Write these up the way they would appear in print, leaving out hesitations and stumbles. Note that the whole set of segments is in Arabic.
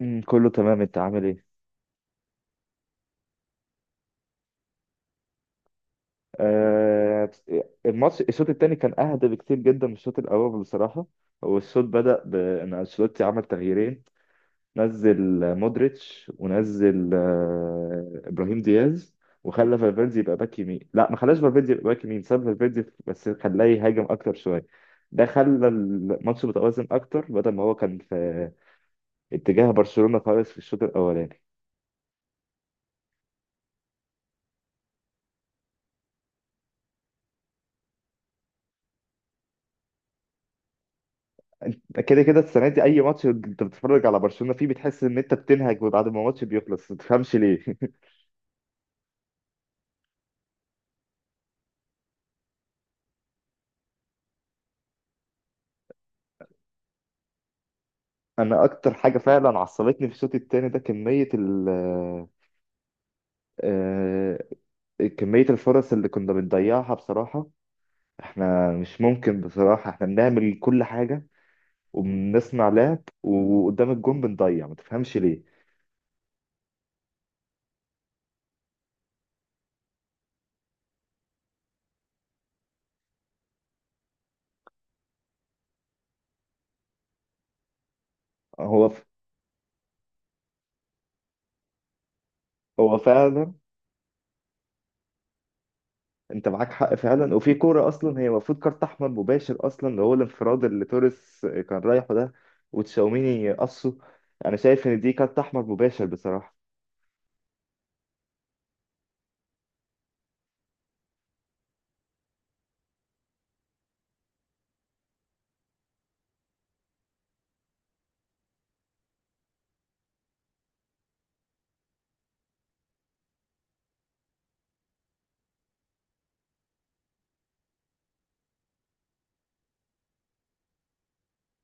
كله تمام، انت عامل ايه؟ آه. الماتش الشوط الثاني كان اهدى بكتير جدا من الشوط الاول بصراحه. والشوط بدأ بان انشيلوتي عمل تغييرين. نزل مودريتش، ونزل ابراهيم دياز، وخلى فالفيردي يبقى باك يمين. لا، ما خلاش فالفيردي يبقى باك يمين، ساب فالفيردي بس خلاه يهاجم اكتر شويه. ده خلى الماتش متوازن اكتر بدل ما هو كان في اتجاه برشلونه خالص في الشوط الاولاني. كده كده السنه دي اي ماتش انت بتتفرج على برشلونه فيه بتحس ان انت بتنهج بعد ما الماتش بيخلص، ما تفهمش ليه. انا اكتر حاجه فعلا عصبتني في الشوط الثاني ده كميه ال آه، آه، كميه الفرص اللي كنا بنضيعها بصراحه. احنا مش ممكن، بصراحه احنا بنعمل كل حاجه وبنصنع لعب وقدام الجون بنضيع، ما تفهمش ليه. هو ف... هو فعلا انت معاك حق فعلا. وفي كوره اصلا هي المفروض كارت احمر مباشر اصلا، اللي هو الانفراد اللي توريس كان رايحه ده وتشاوميني قصه. انا شايف ان دي كارت احمر مباشر بصراحه.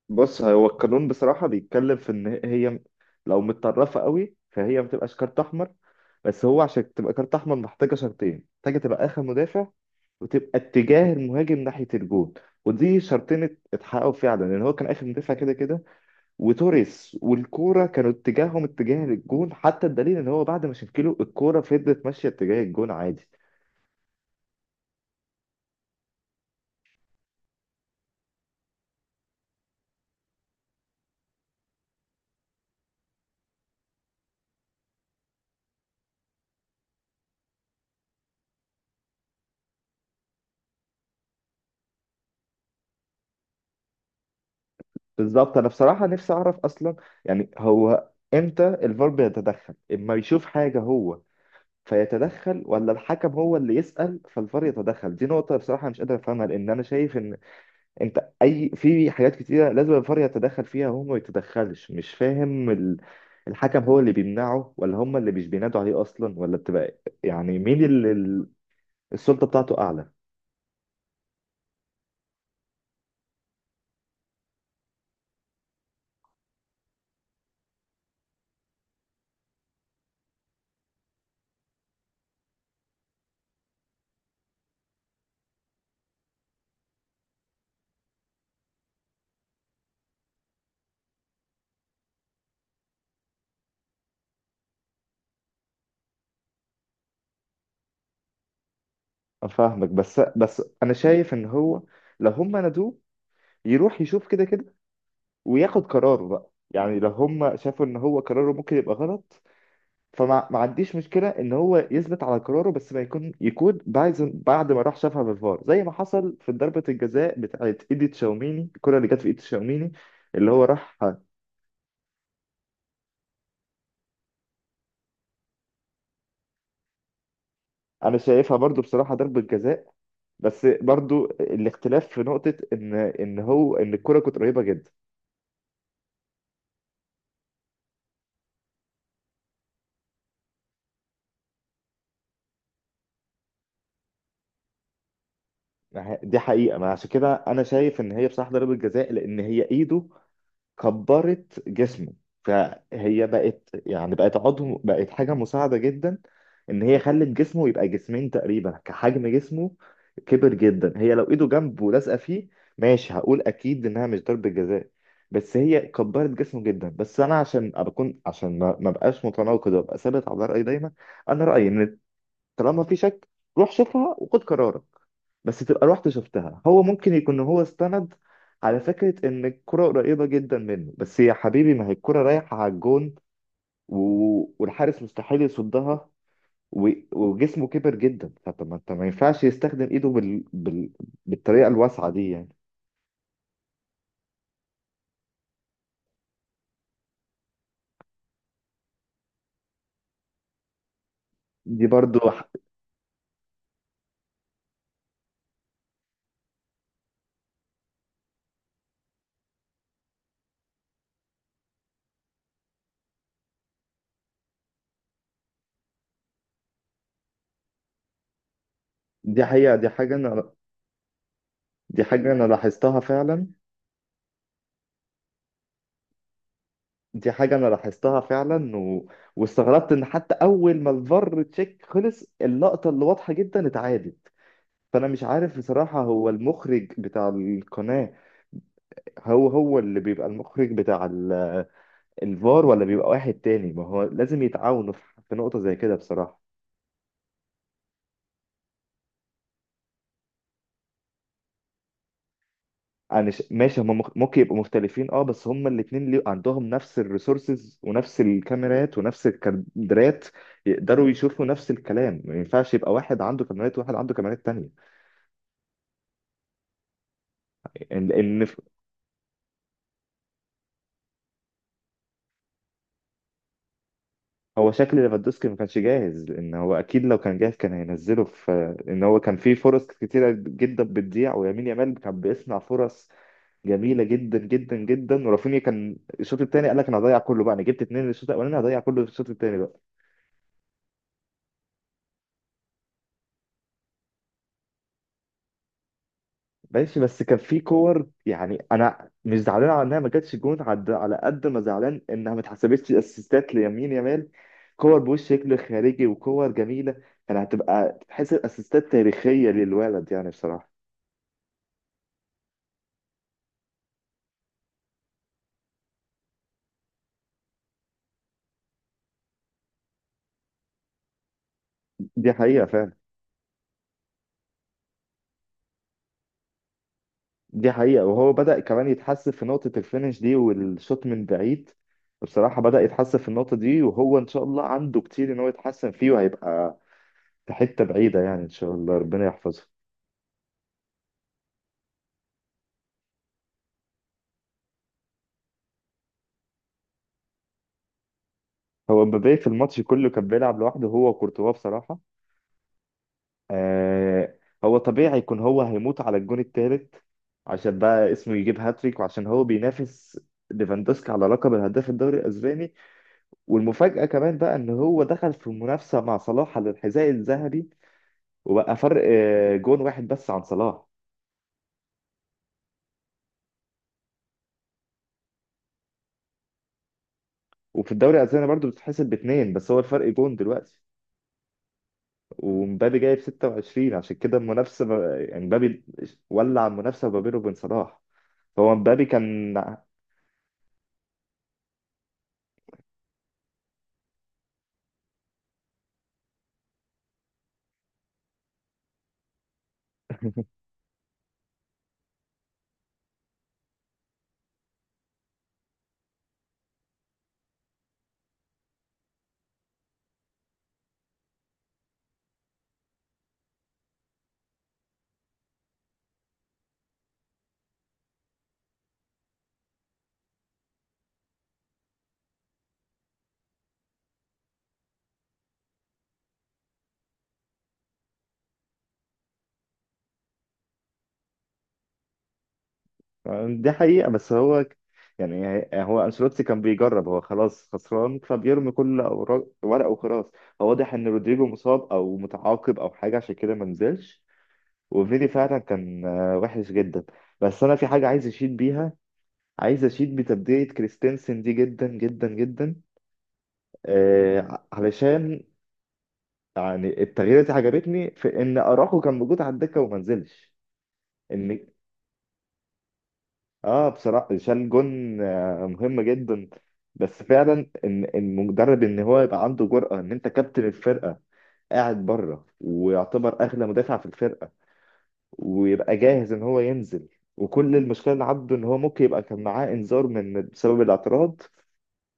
بص، هو القانون بصراحه بيتكلم في ان هي لو متطرفه قوي فهي ما تبقاش كارت احمر. بس هو عشان تبقى كارت احمر محتاجه شرطين: محتاجه تبقى اخر مدافع، وتبقى اتجاه المهاجم ناحيه الجون. ودي شرطين اتحققوا فعلا، لان هو كان اخر مدافع كده كده، وتوريس والكوره كانوا اتجاههم اتجاه للجون. حتى الدليل ان هو بعد ما شكله، الكوره فضلت ماشيه اتجاه الجون عادي. بالظبط، انا بصراحه نفسي اعرف اصلا، يعني هو امتى الفار بيتدخل؟ اما يشوف حاجه هو فيتدخل، ولا الحكم هو اللي يسأل فالفار يتدخل؟ دي نقطة بصراحة مش قادر أفهمها، لأن أنا شايف إن أنت أي في حاجات كتيرة لازم الفار يتدخل فيها وهو ما يتدخلش. مش فاهم، الحكم هو اللي بيمنعه، ولا هم اللي مش بينادوا عليه أصلا، ولا بتبقى يعني مين اللي السلطة بتاعته أعلى؟ أفهمك، بس أنا شايف إن هو لو هم نادوه يروح يشوف، كده كده وياخد قراره بقى. يعني لو هم شافوا إن هو قراره ممكن يبقى غلط، فما ما عنديش مشكلة إن هو يثبت على قراره، بس ما يكون بعد ما راح شافها بالفار، زي ما حصل في ضربة الجزاء بتاعت إيدي تشاوميني، الكرة اللي جت في إيدي تشاوميني اللي هو راح. أنا شايفها برضو بصراحة ضربة جزاء، بس برضو الاختلاف في نقطة إن هو إن الكرة كانت قريبة جدا. دي حقيقة. ما عشان كده أنا شايف إن هي بصراحة ضربة جزاء، لأن هي إيده كبرت جسمه، فهي بقت يعني بقت عضو، بقت حاجة مساعدة جدا. إن هي خلت جسمه يبقى جسمين تقريبا، كحجم جسمه كبر جدا. هي لو إيده جنبه ولازقة فيه، ماشي، هقول أكيد إنها مش ضربة جزاء، بس هي كبرت جسمه جدا. بس أنا عشان أكون، عشان ما بقاش متناقض وأبقى ثابت على رأيي دايما، أنا رأيي إن طالما في شك، روح شوفها وخد قرارك. بس تبقى رحت شفتها. هو ممكن يكون هو استند على فكرة إن الكرة قريبة جدا منه، بس يا حبيبي ما هي الكرة رايحة على الجون و... والحارس مستحيل يصدها، وجسمه كبر جدا. فطب ما انت، ما ينفعش يستخدم ايده بالطريقة الواسعة دي يعني. دي برضو ح- دي حقيقة دي حاجة أنا لاحظتها فعلا. دي حاجة أنا لاحظتها فعلا، واستغربت إن حتى أول ما الفار تشيك خلص، اللقطة اللي واضحة جدا اتعادت. فانا مش عارف بصراحة، هو المخرج بتاع القناة هو هو اللي بيبقى المخرج بتاع الفار، ولا بيبقى واحد تاني؟ ما هو لازم يتعاونوا في في نقطة زي كده بصراحة. ماشي، هم ممكن يبقوا مختلفين، اه، بس هم الاتنين ليه عندهم نفس الريسورسز ونفس الكاميرات ونفس الكادرات يقدروا يشوفوا نفس الكلام. ما ينفعش يبقى واحد عنده كاميرات وواحد عنده كاميرات تانية، لأن هو شكل ليفاندوسكي ما كانش جاهز، لان هو اكيد لو كان جاهز كان هينزله في ان هو كان في فرص كتيره جدا بتضيع. ويمين يامال كان بيصنع فرص جميله جدا جدا جدا. ورافينيا كان الشوط الثاني قال لك انا هضيع كله بقى، انا جبت اتنين الشوط الاولاني، هضيع كله في الشوط الثاني بقى. ماشي، بس كان في كور. يعني انا مش زعلان على انها ما جاتش جون على قد ما زعلان انها ما اتحسبتش اسيستات ليمين يامال. كور بوش شكل خارجي وكور جميله، كانت هتبقى تحس اسيستات تاريخيه للولد يعني بصراحه. دي حقيقة فعلا. دي حقيقة. وهو بدأ كمان يتحسن في نقطة الفينش دي والشوط من بعيد بصراحة، بدأ يتحسن في النقطة دي، وهو إن شاء الله عنده كتير إن هو يتحسن فيه وهيبقى في حتة بعيدة يعني إن شاء الله، ربنا يحفظه. هو مبابي في الماتش كله كان بيلعب لوحده هو وكورتوا بصراحة. آه. هو طبيعي يكون هو هيموت على الجون التالت، عشان بقى اسمه يجيب هاتريك، وعشان هو بينافس ليفاندوسكي على لقب الهداف الدوري الأسباني. والمفاجأة كمان بقى إن هو دخل في منافسة مع صلاح على الحذاء الذهبي، وبقى فرق جون واحد بس عن صلاح. وفي الدوري الأسباني برضو بتتحسب باتنين، بس هو الفرق جون دلوقتي. ومبابي جايب 26، عشان كده المنافسة يعني مبابي ولع المنافسة ما بينه وبين صلاح. هو مبابي كان دي حقيقة بس هو ك- يعني هو أنشيلوتي كان بيجرب، هو خلاص خسران فبيرمي كل ورقه وخلاص. هو واضح إن رودريجو مصاب أو متعاقب أو حاجة عشان كده ما نزلش. وفيدي فعلا كان وحش جدا. بس انا في حاجه عايز اشيد بيها، عايز اشيد بتبديه كريستنسن دي جدا جدا جدا. علشان يعني التغييرات دي عجبتني في ان اراخو كان موجود على الدكه وما نزلش. ان، اه بصراحه شال جون آه مهم جدا. بس فعلا ان المدرب ان هو يبقى عنده جرأه ان انت كابتن الفرقه قاعد بره ويعتبر اغلى مدافع في الفرقه ويبقى جاهز ان هو ينزل، وكل المشكله اللي عنده ان هو ممكن يبقى كان معاه انذار من بسبب الاعتراض،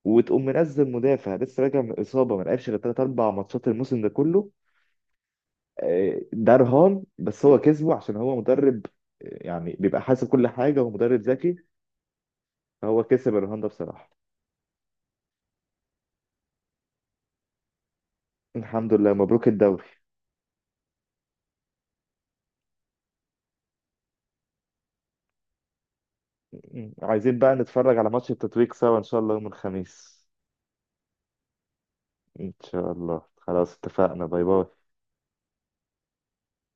وتقوم منزل مدافع لسه راجع من اصابه ما لعبش غير 3 4 ماتشات الموسم ده كله. ده رهان بس هو كسبه عشان هو مدرب يعني بيبقى حاسب كل حاجه ومدرب ذكي. فهو كسب الرهان ده بصراحه. الحمد لله، مبروك الدوري. عايزين بقى نتفرج على ماتش التتويج سوا ان شاء الله يوم الخميس. ان شاء الله، خلاص اتفقنا، باي باي.